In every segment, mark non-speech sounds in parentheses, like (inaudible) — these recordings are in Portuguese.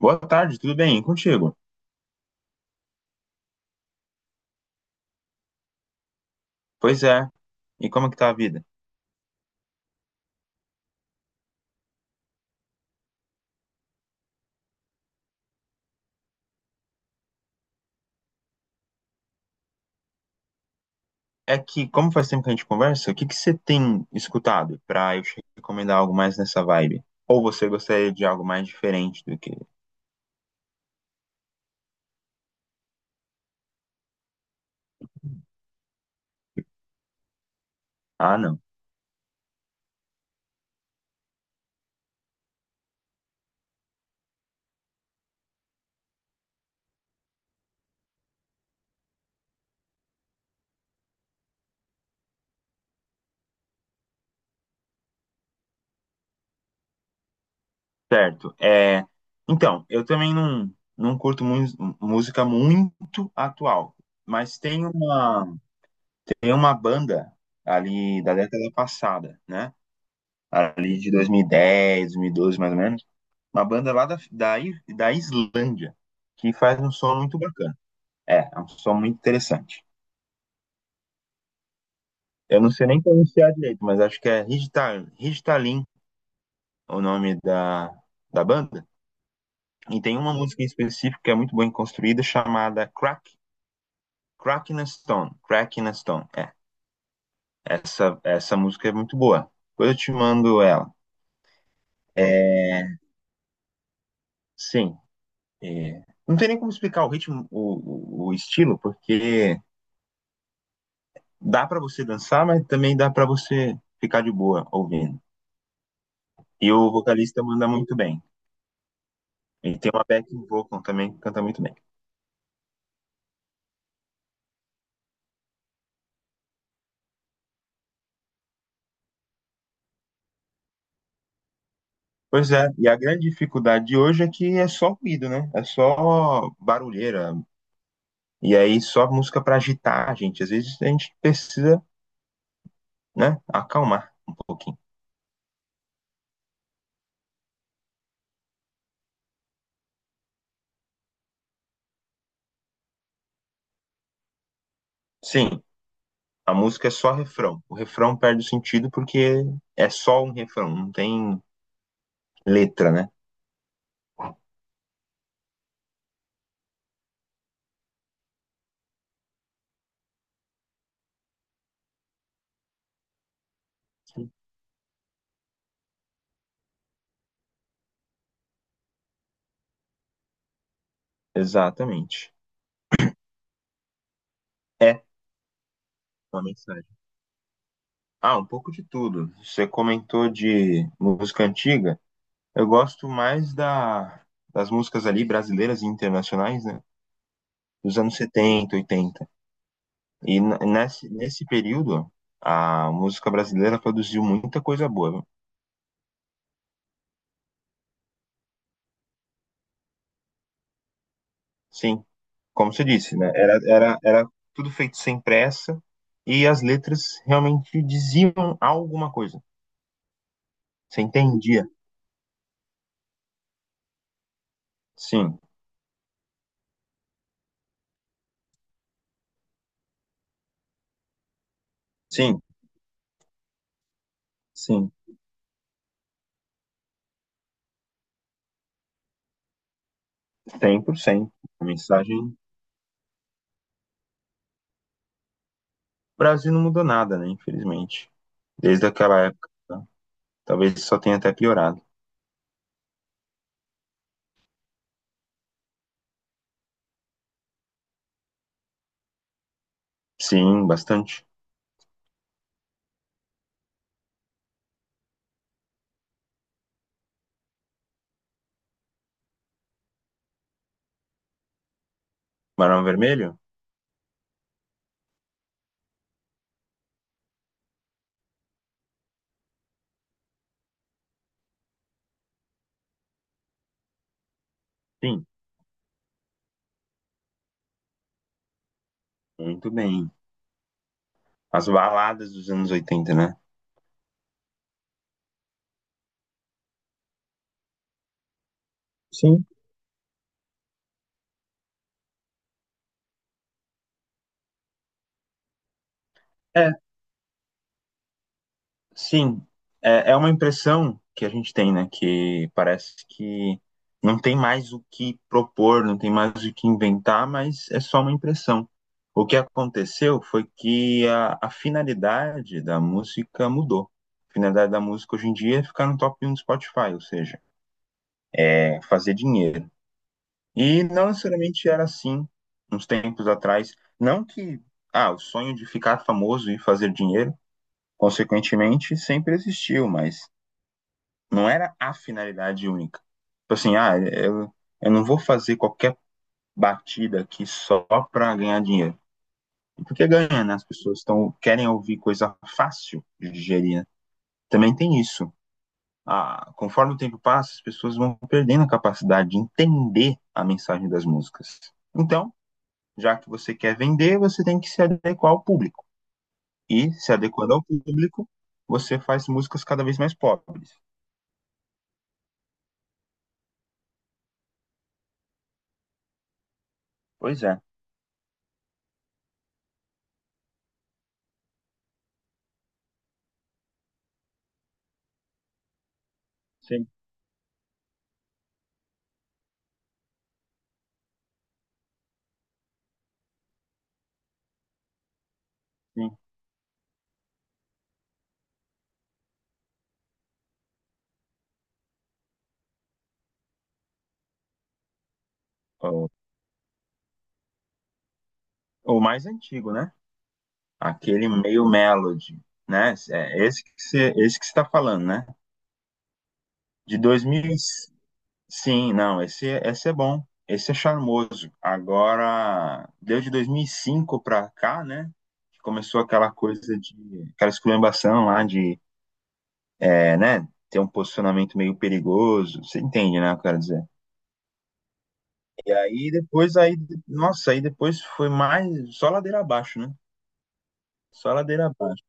Boa tarde, tudo bem? E contigo? Pois é. E como é que tá a vida? É que, como faz tempo que a gente conversa, o que que você tem escutado pra eu te recomendar algo mais nessa vibe? Ou você gostaria de algo mais diferente do que. Ah, não. Certo. Então, eu também não curto música muito atual, mas tem uma banda ali da década passada, né? Ali de 2010, 12, mais ou menos. Uma banda lá da Islândia, que faz um som muito bacana. É um som muito interessante. Eu não sei nem pronunciar direito, mas acho que é Ridtalin, o nome da banda. E tem uma música em específico que é muito bem construída, chamada Crack in a Stone. Crack in a Stone, é. Essa música é muito boa. Depois eu te mando ela. É, Sim, não tem nem como explicar o ritmo, o estilo, porque dá para você dançar, mas também dá para você ficar de boa ouvindo. E o vocalista manda muito bem. Ele tem uma backing vocal também que canta muito bem. Pois é, e a grande dificuldade de hoje é que é só ruído, né? É só barulheira. E aí só música para agitar a gente. Às vezes a gente precisa, né, acalmar um pouquinho. Sim, a música é só refrão. O refrão perde o sentido porque é só um refrão, não tem letra, né? Exatamente. É uma mensagem. Ah, um pouco de tudo. Você comentou de música antiga. Eu gosto mais das músicas ali brasileiras e internacionais, né? Dos anos 70, 80. E nesse período, a música brasileira produziu muita coisa boa. Viu? Sim, como você disse, né? Era tudo feito sem pressa e as letras realmente diziam alguma coisa. Você entendia? Sim, sim, sim. 100%. A mensagem O Brasil não mudou nada, né? Infelizmente. Desde aquela época. Tá? Talvez só tenha até piorado. Sim, bastante. Barão Vermelho? Sim, muito bem. As baladas dos anos 80, né? Sim. É, Sim, é uma impressão que a gente tem, né? Que parece que não tem mais o que propor, não tem mais o que inventar, mas é só uma impressão. O que aconteceu foi que a finalidade da música mudou. A finalidade da música hoje em dia é ficar no top 1 do Spotify, ou seja, é fazer dinheiro. E não necessariamente era assim uns tempos atrás. Não que o sonho de ficar famoso e fazer dinheiro, consequentemente, sempre existiu, mas não era a finalidade única. Tipo assim, eu não vou fazer qualquer batida aqui só para ganhar dinheiro. E porque ganha, né? As pessoas querem ouvir coisa fácil de digerir, né? Também tem isso. Ah, conforme o tempo passa, as pessoas vão perdendo a capacidade de entender a mensagem das músicas. Então, já que você quer vender, você tem que se adequar ao público. E, se adequando ao público, você faz músicas cada vez mais pobres. Pois é. Sim, sim. Oh, o mais antigo, né? Aquele meio Melody, né? É esse que você tá falando, né? De 2000, sim, não, esse é bom, esse é charmoso. Agora, deu de 2005 para cá, né? Que começou aquela coisa de, aquela esculhambação lá de, né? Ter um posicionamento meio perigoso, você entende, né? Eu quero dizer. E aí depois, aí, nossa, aí depois foi mais, só ladeira abaixo, né? Só ladeira abaixo.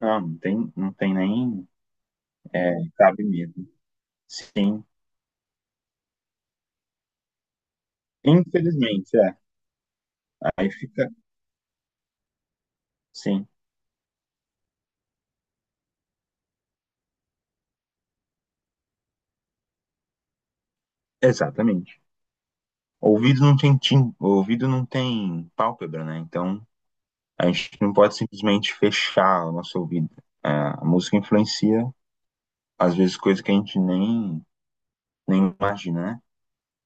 Não, não tem nem. É, cabe mesmo. Sim. Infelizmente, é. Aí fica. Sim, exatamente. O ouvido não tem tim... o ouvido não tem pálpebra, né? Então a gente não pode simplesmente fechar o nosso ouvido. É, a música influencia, às vezes, coisas que a gente nem imagina, né?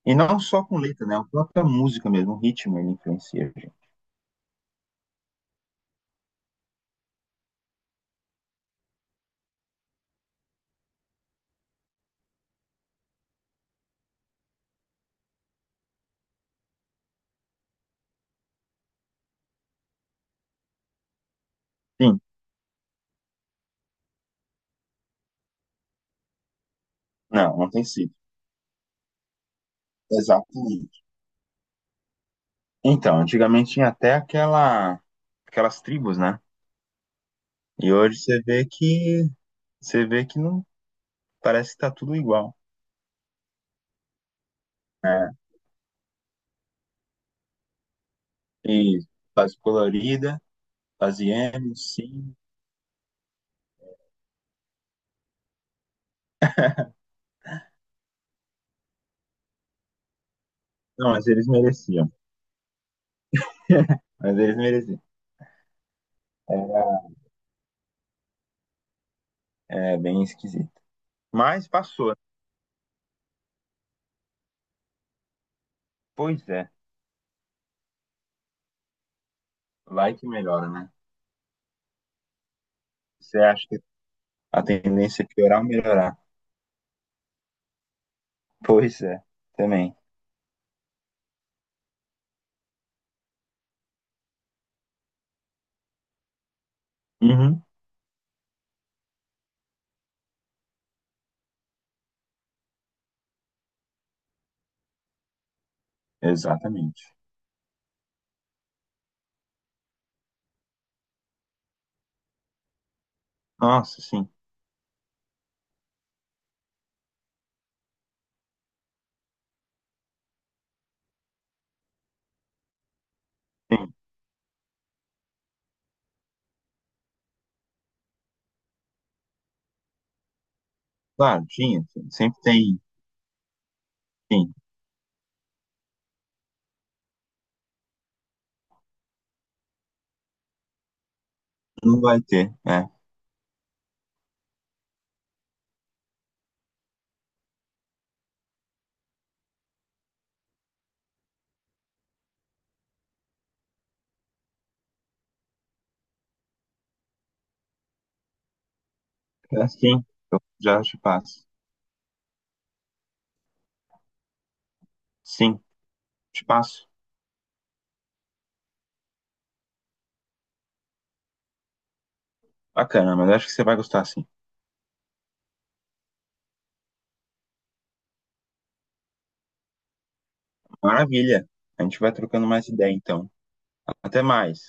E não só com letra, né? A própria música mesmo, o ritmo, ele influencia, gente. Sim, não tem sido. Exatamente. Então, antigamente tinha até aquelas tribos, né? E hoje você vê que não parece que tá tudo igual. É, e fase colorida, fase emo, sim. Não, mas eles mereciam. (laughs) Mas eles mereciam. É bem esquisito. Mas passou, né? Pois é, vai que melhora, né? Você acha que a tendência é piorar ou melhorar? Pois é, também. Uhum. Exatamente. Nossa, sim. Sim. Claro, tinha. Sim. Sempre tem. Sim. Não vai ter, né? Sim. Eu já te passo. Sim, te passo. Bacana, mas acho que você vai gostar sim. Maravilha. A gente vai trocando mais ideia, então. Até mais.